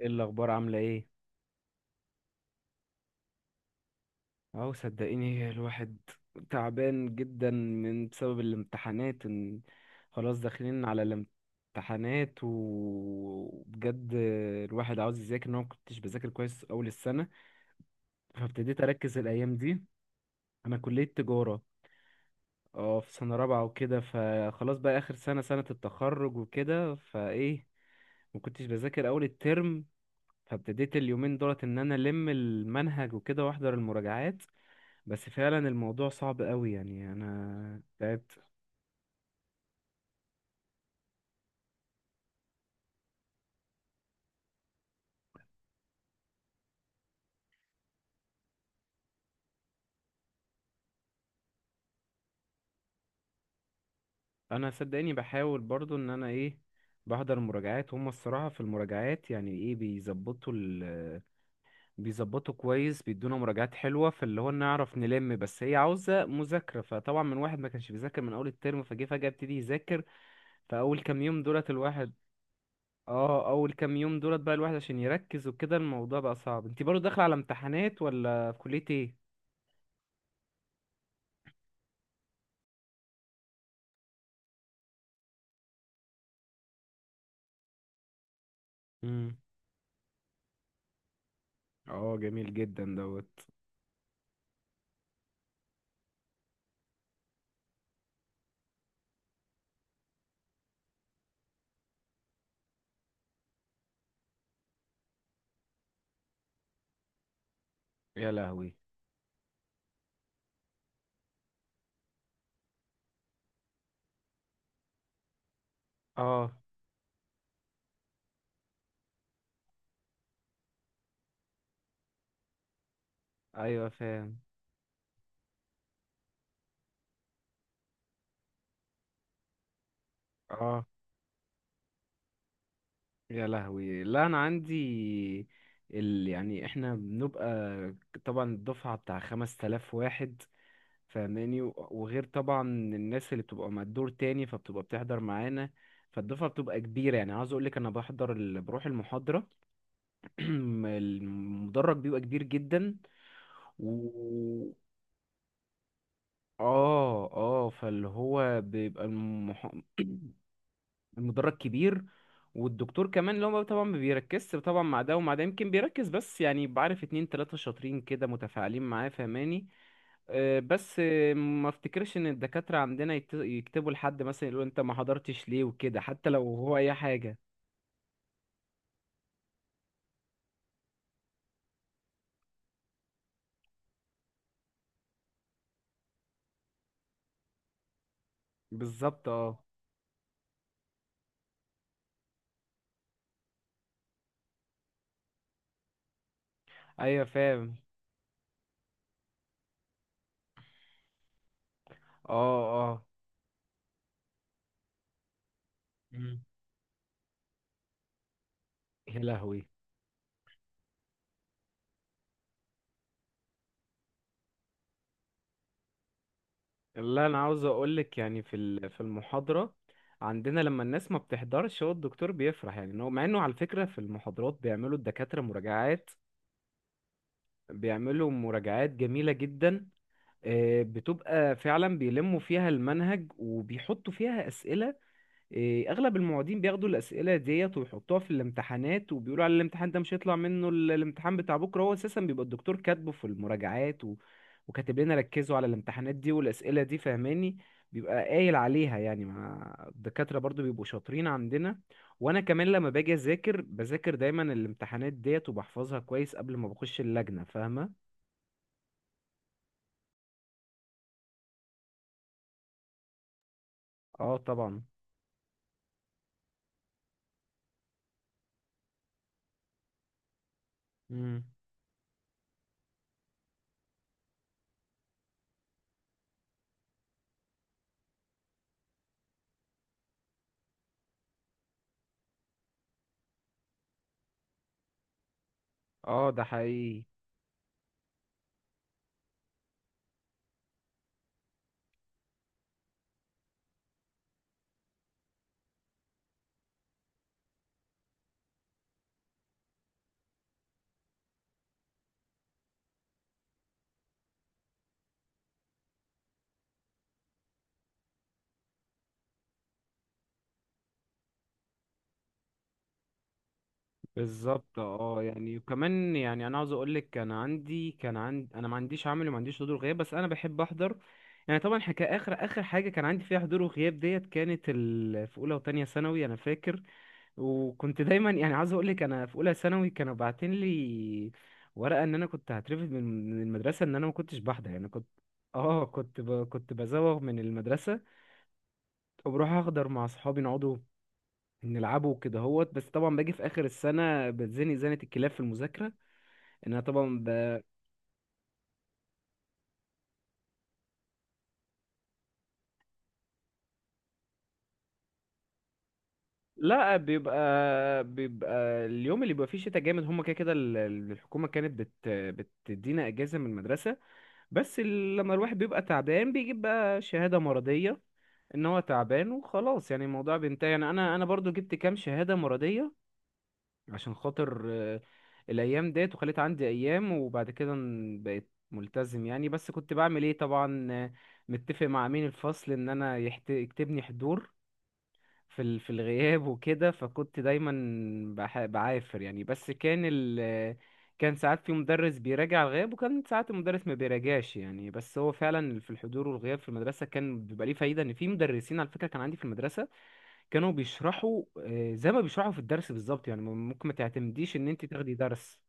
ايه الاخبار؟ عامله ايه؟ اهو صدقيني الواحد تعبان جدا بسبب الامتحانات، إن خلاص داخلين على الامتحانات، وبجد الواحد عاوز يذاكر، ان انا ما كنتش بذاكر كويس اول السنه فابتديت اركز الايام دي. انا كليه تجاره، اه، في سنه رابعه وكده، فخلاص بقى اخر سنه، سنه التخرج وكده، فايه، ما كنتش بذاكر اول الترم، فابتديت اليومين دولت ان انا الم المنهج وكده واحضر المراجعات. بس فعلا الموضوع صعب قوي، يعني انا تعبت. انا صدقني بحاول برضو ان انا ايه، بحضر مراجعات. هم الصراحة في المراجعات يعني، ايه، بيظبطوا كويس، بيدونا مراجعات حلوة فاللي هو نعرف نلم، بس هي عاوزة مذاكرة، فطبعا من واحد ما كانش بيذاكر من اول الترم فجه فجأة ابتدي يذاكر، فاول كام يوم دولت الواحد، اه، اول كام يوم دولت بقى الواحد عشان يركز وكده الموضوع بقى صعب. انت برضو داخلة على امتحانات، ولا في كلية ايه؟ امم اه، جميل جدا دوت. يا لهوي. اه، ايوه، فاهم. اه. يا لهوي. لا انا عندي يعني احنا بنبقى، طبعا الدفعه بتاع 5000 واحد، فاهماني؟ وغير طبعا الناس اللي بتبقى مع الدور تاني، فبتبقى بتحضر معانا، فالدفعه بتبقى كبيره، يعني عاوز اقولك، انا بحضر بروح المحاضره، المدرج بيبقى كبير جدا، و اه اه فاللي هو بيبقى المدرج كبير، والدكتور كمان اللي هو طبعا ما بيركزش، طبعا، مع ده ومع ده، يمكن بيركز، بس يعني بعرف اتنين تلاتة شاطرين كده متفاعلين معاه، فهماني؟ بس، ما افتكرش ان الدكاترة عندنا يكتبوا لحد مثلا يقولوا انت ما حضرتش ليه وكده، حتى لو هو اي حاجة. بالظبط، اه. ايوه، فاهم. اه، اه. مم. يا لهوي. لا انا عاوز اقولك، يعني في المحاضره عندنا لما الناس ما بتحضرش هو الدكتور بيفرح، يعني إن هو، مع انه على فكره في المحاضرات بيعملوا الدكاتره مراجعات، بيعملوا مراجعات جميله جدا، بتبقى فعلا بيلموا فيها المنهج وبيحطوا فيها اسئله. إيه، اغلب المعيدين بياخدوا الاسئله ديت ويحطوها في الامتحانات، وبيقولوا على الامتحان ده مش هيطلع منه، الامتحان بتاع بكره هو اساسا بيبقى الدكتور كاتبه في المراجعات، وكاتب لنا ركزوا على الامتحانات دي والاسئله دي، فهماني؟ بيبقى قايل عليها، يعني مع الدكاتره برضو بيبقوا شاطرين عندنا، وانا كمان لما باجي اذاكر بذاكر دايما الامتحانات ديت وبحفظها كويس قبل ما بخش اللجنه، فاهمه؟ اه، طبعا. مم. اه، ده حقيقي. بالظبط، اه. يعني وكمان، يعني انا عاوز اقول لك، كان عندي انا ما عنديش عمل وما عنديش حضور وغياب، بس انا بحب احضر. يعني طبعا حكا، اخر اخر حاجه كان عندي فيها حضور وغياب ديت كانت في اولى وتانية ثانوي، انا فاكر، وكنت دايما، يعني عاوز اقول لك، انا في اولى ثانوي كانوا باعتين لي ورقه ان انا كنت هترفد من المدرسه، ان انا ما كنتش بحضر، يعني كنت، كنت بزوغ من المدرسه وبروح احضر مع اصحابي، نقعدوا نلعبه كده هوت، بس طبعا باجي في اخر السنه بتزني زنه الكلاب في المذاكره، ان انا طبعا لا، بيبقى اليوم اللي بيبقى فيه شتاء جامد هما كده كده الحكومة كانت بتدينا اجازة من المدرسة، بس لما الواحد بيبقى تعبان بيجيب بقى شهادة مرضية ان هو تعبان وخلاص، يعني الموضوع بينتهي، يعني انا برضو جبت كام شهادة مرضية عشان خاطر الايام ديت، وخليت عندي ايام، وبعد كده بقيت ملتزم، يعني بس كنت بعمل ايه، طبعا، متفق مع امين الفصل ان انا يكتبني حضور في في الغياب وكده، فكنت دايما بعافر يعني، بس كان ال... آه، كان ساعات في مدرس بيراجع الغياب، وكان ساعات المدرس ما بيراجعش، يعني بس هو فعلا في الحضور والغياب في المدرسة كان بيبقى ليه فايدة، ان في مدرسين على فكرة كان عندي في المدرسة كانوا بيشرحوا، زي ما بيشرحوا في الدرس بالظبط، يعني ممكن ما تعتمديش ان انت تاخدي درس.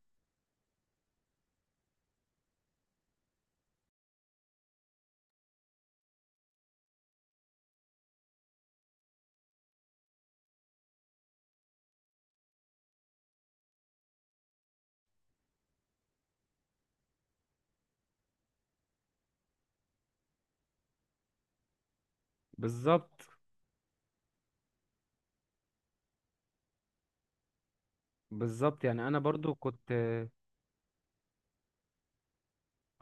بالظبط. يعني انا برضو كنت،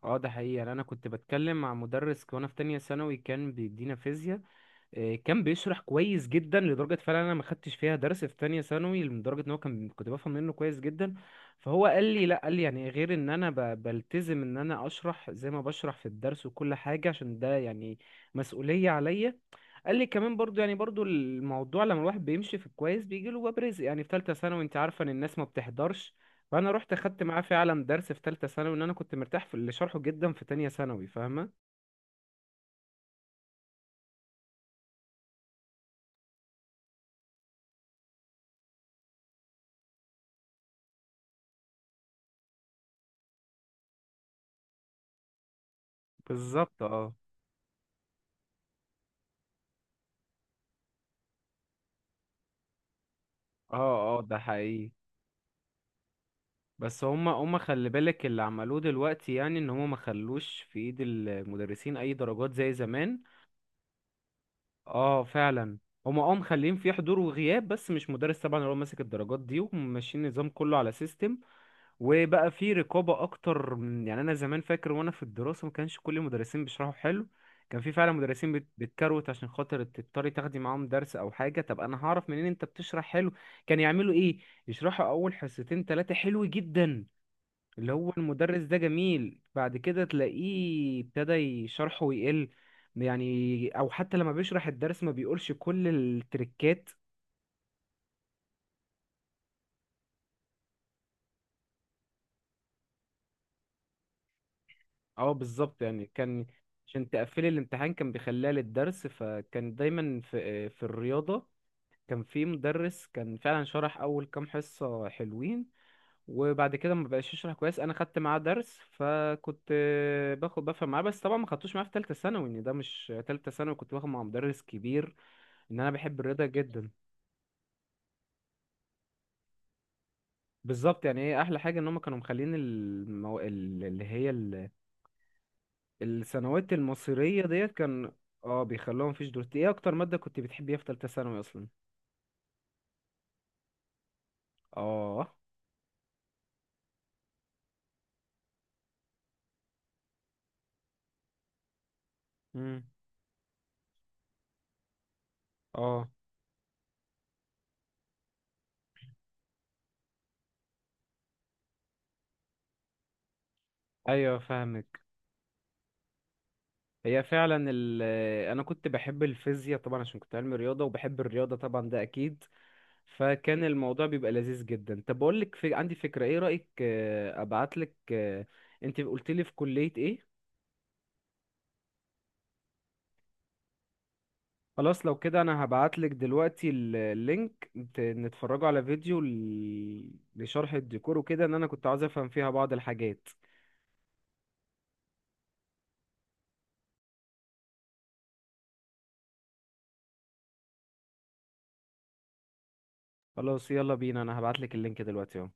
اه، ده حقيقي. يعني انا كنت بتكلم مع مدرس وانا في تانية ثانوي كان بيدينا فيزياء، كان بيشرح كويس جدا، لدرجة فعلا انا ما خدتش فيها درس في تانية ثانوي، لدرجة ان هو كنت بفهم منه كويس جدا، فهو قال لي لا، قال لي يعني غير ان انا بلتزم ان انا اشرح زي ما بشرح في الدرس وكل حاجة، عشان ده يعني مسؤولية عليا، قال لي كمان برضو، يعني برضو الموضوع لما الواحد بيمشي في الكويس بيجي له باب رزق، يعني في ثالثه ثانوي انت عارفه ان الناس ما بتحضرش، فانا رحت اخدت معاه فعلا درس في ثالثه ثانوي، ان انا كنت مرتاح في اللي شرحه جدا في تانية ثانوي، فاهمه؟ بالظبط، اه، اه ده حقيقي. بس هما خلي بالك، اللي عملوه دلوقتي يعني ان هما ما خلوش في ايد المدرسين اي درجات زي زمان. اه، فعلا، هما، اه، مخليين فيه حضور وغياب بس مش مدرس طبعا هو ماسك الدرجات دي، وماشيين النظام كله على سيستم، وبقى في رقابة أكتر. من يعني أنا زمان فاكر وأنا في الدراسة ما كانش كل المدرسين بيشرحوا حلو، كان في فعلا مدرسين بتكروت عشان خاطر تضطري تاخدي معاهم درس أو حاجة. طب أنا هعرف منين أنت بتشرح حلو؟ كان يعملوا إيه، يشرحوا أول حصتين تلاتة حلو جدا، اللي هو المدرس ده جميل، بعد كده تلاقيه ابتدى شرحه يقل، يعني، أو حتى لما بيشرح الدرس ما بيقولش كل التريكات. اه، بالظبط، يعني كان عشان تقفلي الامتحان كان بيخليها للدرس، فكان دايما في، في الرياضة كان في مدرس كان فعلا شرح أول كام حصة حلوين، وبعد كده ما بقاش يشرح كويس، أنا خدت معاه درس فكنت، باخد بفهم معاه، بس طبعا ما خدتوش معاه في تالتة ثانوي، إن ده مش تالتة ثانوي، كنت باخد مع مدرس كبير، إن أنا بحب الرياضة جدا. بالظبط، يعني هي أحلى حاجة إن هما كانوا مخلين اللي هي الثانويات المصيرية ديت، كان، اه، بيخلوها مفيش دروس. ايه اكتر مادة كنت بتحبيها في تالتة ثانوي اصلا؟ اه. امم اه، ايوه، فاهمك. هي فعلا انا كنت بحب الفيزياء طبعا، عشان كنت علمي رياضة وبحب الرياضة طبعا، ده اكيد، فكان الموضوع بيبقى لذيذ جدا. طب بقول لك عندي فكرة، ايه رأيك، ابعت لك، انت قلت لي في كلية ايه؟ خلاص، لو كده انا هبعتلك دلوقتي اللينك نتفرجوا على فيديو لشرح الديكور وكده، ان انا كنت عاوز افهم فيها بعض الحاجات. خلاص، يلا بينا، انا هبعتلك اللينك دلوقتي اهو.